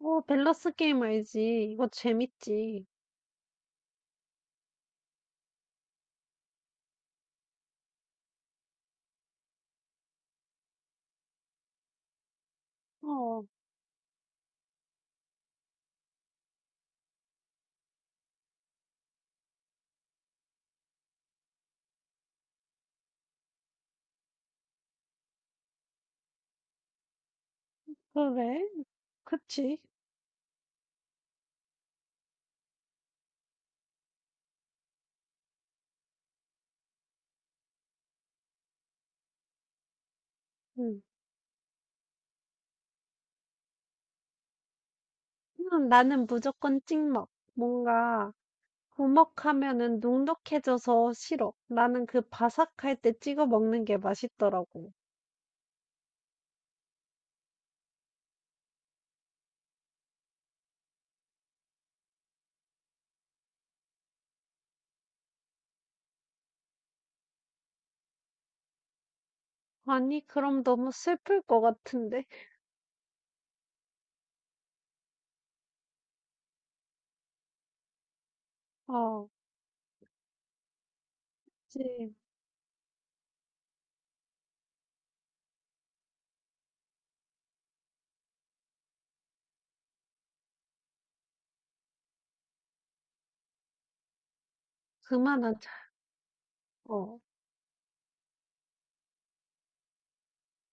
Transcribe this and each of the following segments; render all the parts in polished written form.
어, 밸런스 게임 알지. 이거 재밌지. 어, 그래. 그치. 응. 나는 무조건 찍먹. 뭔가, 구먹하면은 눅눅해져서 싫어. 나는 그 바삭할 때 찍어 먹는 게 맛있더라고. 아니, 그럼 너무 슬플 것 같은데. 어, 그치. 그만하자. 어,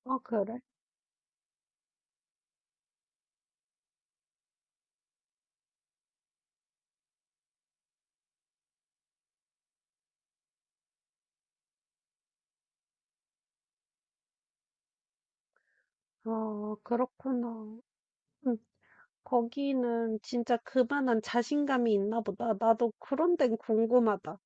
어, 그래. 어, 그렇구나. 응, 거기는 진짜 그만한 자신감이 있나 보다. 나도 그런 데는 궁금하다.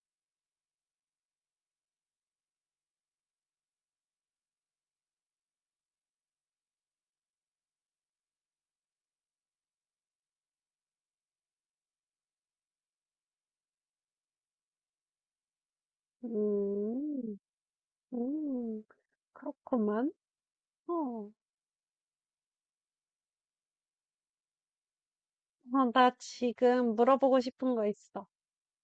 음. 음. 그렇구만. 어. 어, 나 지금 물어보고 싶은 거 있어.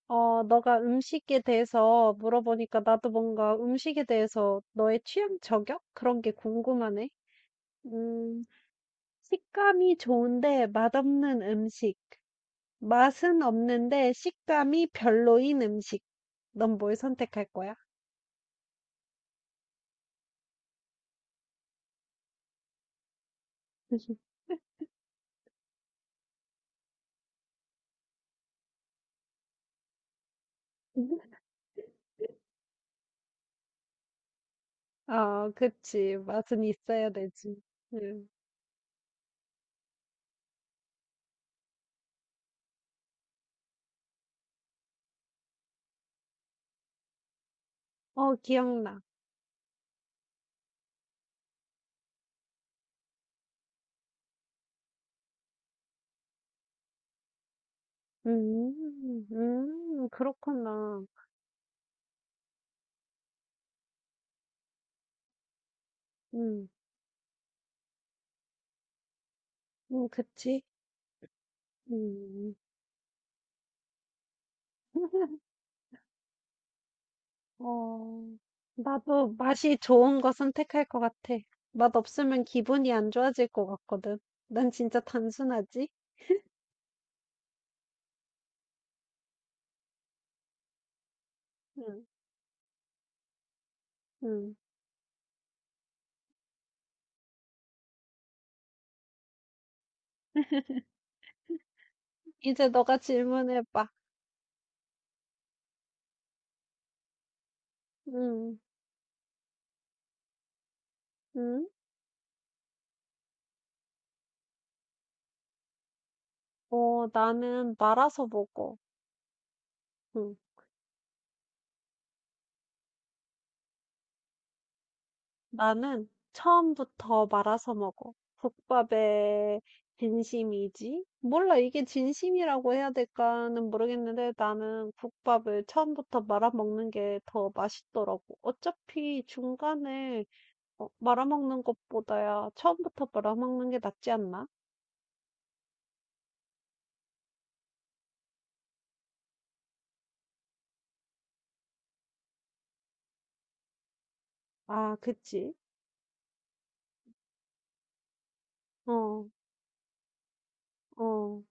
어, 너가 음식에 대해서 물어보니까 나도 뭔가 음식에 대해서 너의 취향 저격? 그런 게 궁금하네. 음, 식감이 좋은데 맛없는 음식. 맛은 없는데 식감이 별로인 음식. 넌 뭘 선택할 거야? 아, 그치. 맛은 있어야 되지. 응. 어, 기억나. 음. 음. 그렇구나. 음. 그치. 음. 어. 나도 맛이 좋은 거 선택할 것 같아. 맛 없으면 기분이 안 좋아질 것 같거든. 난 진짜 단순하지? 응, 응. 이제 너가 질문해봐. 응, 응. 어, 나는 말아서 먹어. 응. 나는 처음부터 말아서 먹어. 국밥에 진심이지? 몰라, 이게 진심이라고 해야 될까는 모르겠는데 나는 국밥을 처음부터 말아먹는 게 더 맛있더라고. 어차피 중간에 말아먹는 것보다야 처음부터 말아먹는 게 낫지 않나? 아, 그치? 어, 어.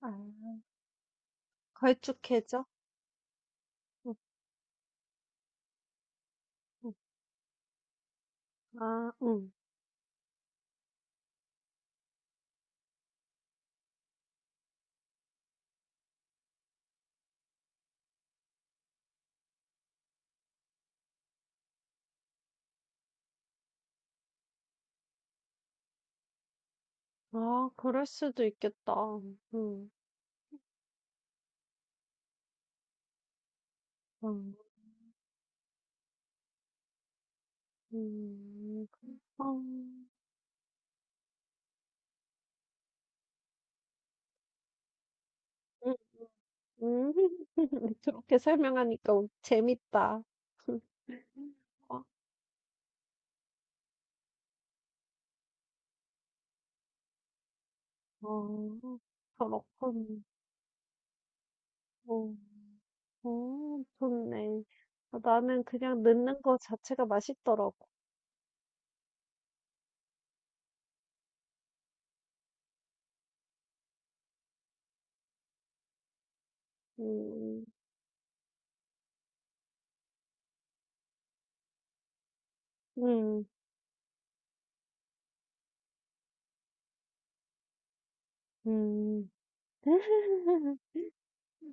아, 걸쭉해져? 응, 응. 아, 응. 아, 그럴 수도 있겠다. 응, 응. 음. 어. 음 음. 그렇게 설명하니까 어 재밌다. 어 어. 그렇군. 어. 어 좋네. 아 나는 그냥 넣는 거 자체가 맛있더라고. 음. 음. 음.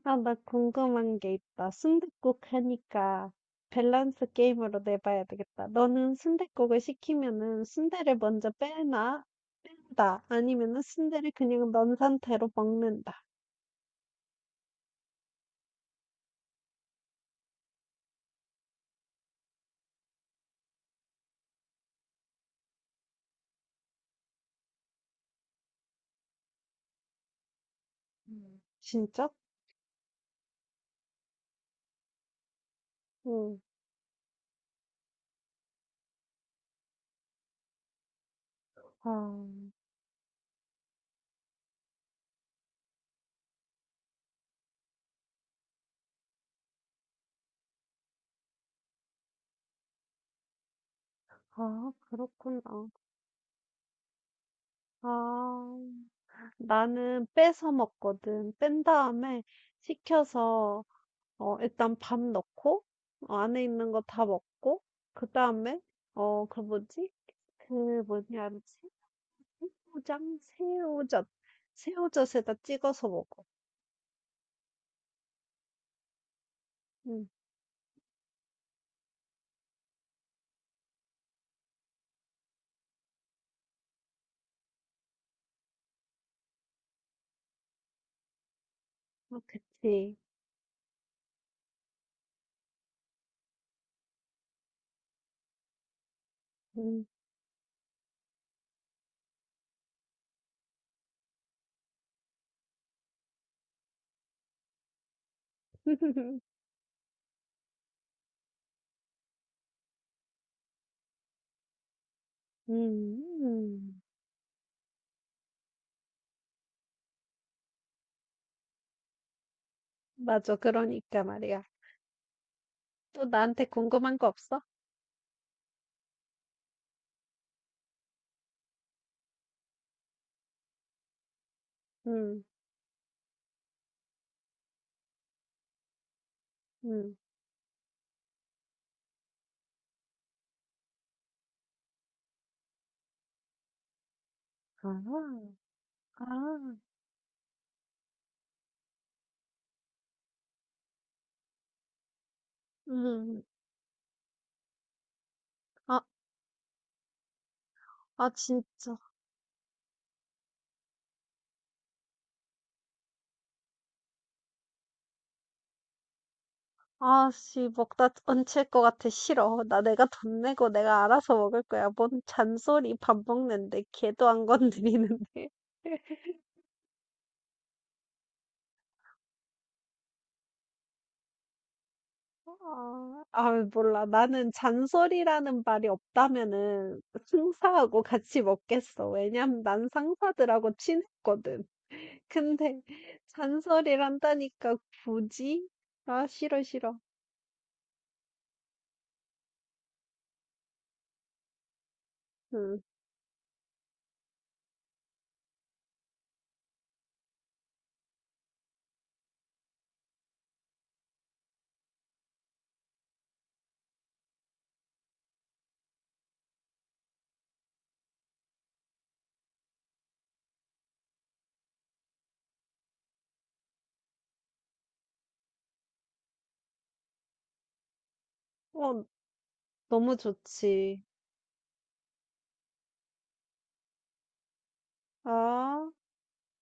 아 나 궁금한 게 있다. 순댓국 하니까 밸런스 게임으로 내봐야 되겠다. 너는 순댓국을 시키면은 순대를 먼저 빼나? 다 아니면은 순대를 그냥 넣은 상태로 먹는다. 음. 진짜? 응. 아, 아, 그렇구나. 아, 나는 빼서 먹거든. 뺀 다음에 식혀서, 일단 밥 넣고, 안에 있는 거 다 먹고, 그 다음에, 어, 그 뭐지? 그 뭐냐, 새우장? 새우젓. 새우젓에다 찍어서 먹어. 응, 어, 그치. 응. 음. 맞아. 그러니까 말이야. 또 나한테 궁금한 거 없어? 응, 응, 아, 아, 응. 아, 아, 진짜. 아, 씨, 먹다 얹힐 것 같아. 싫어. 나 내가 돈 내고 내가 알아서 먹을 거야. 뭔 잔소리 밥 먹는데. 걔도 안 건드리는데. 아, 아, 몰라. 나는 잔소리라는 말이 없다면은 상사하고 같이 먹겠어. 왜냐면 난 상사들하고 친했거든. 근데 잔소리를 한다니까 굳이? 아, 싫어, 싫어. 응. 어, 너무 좋지. 아.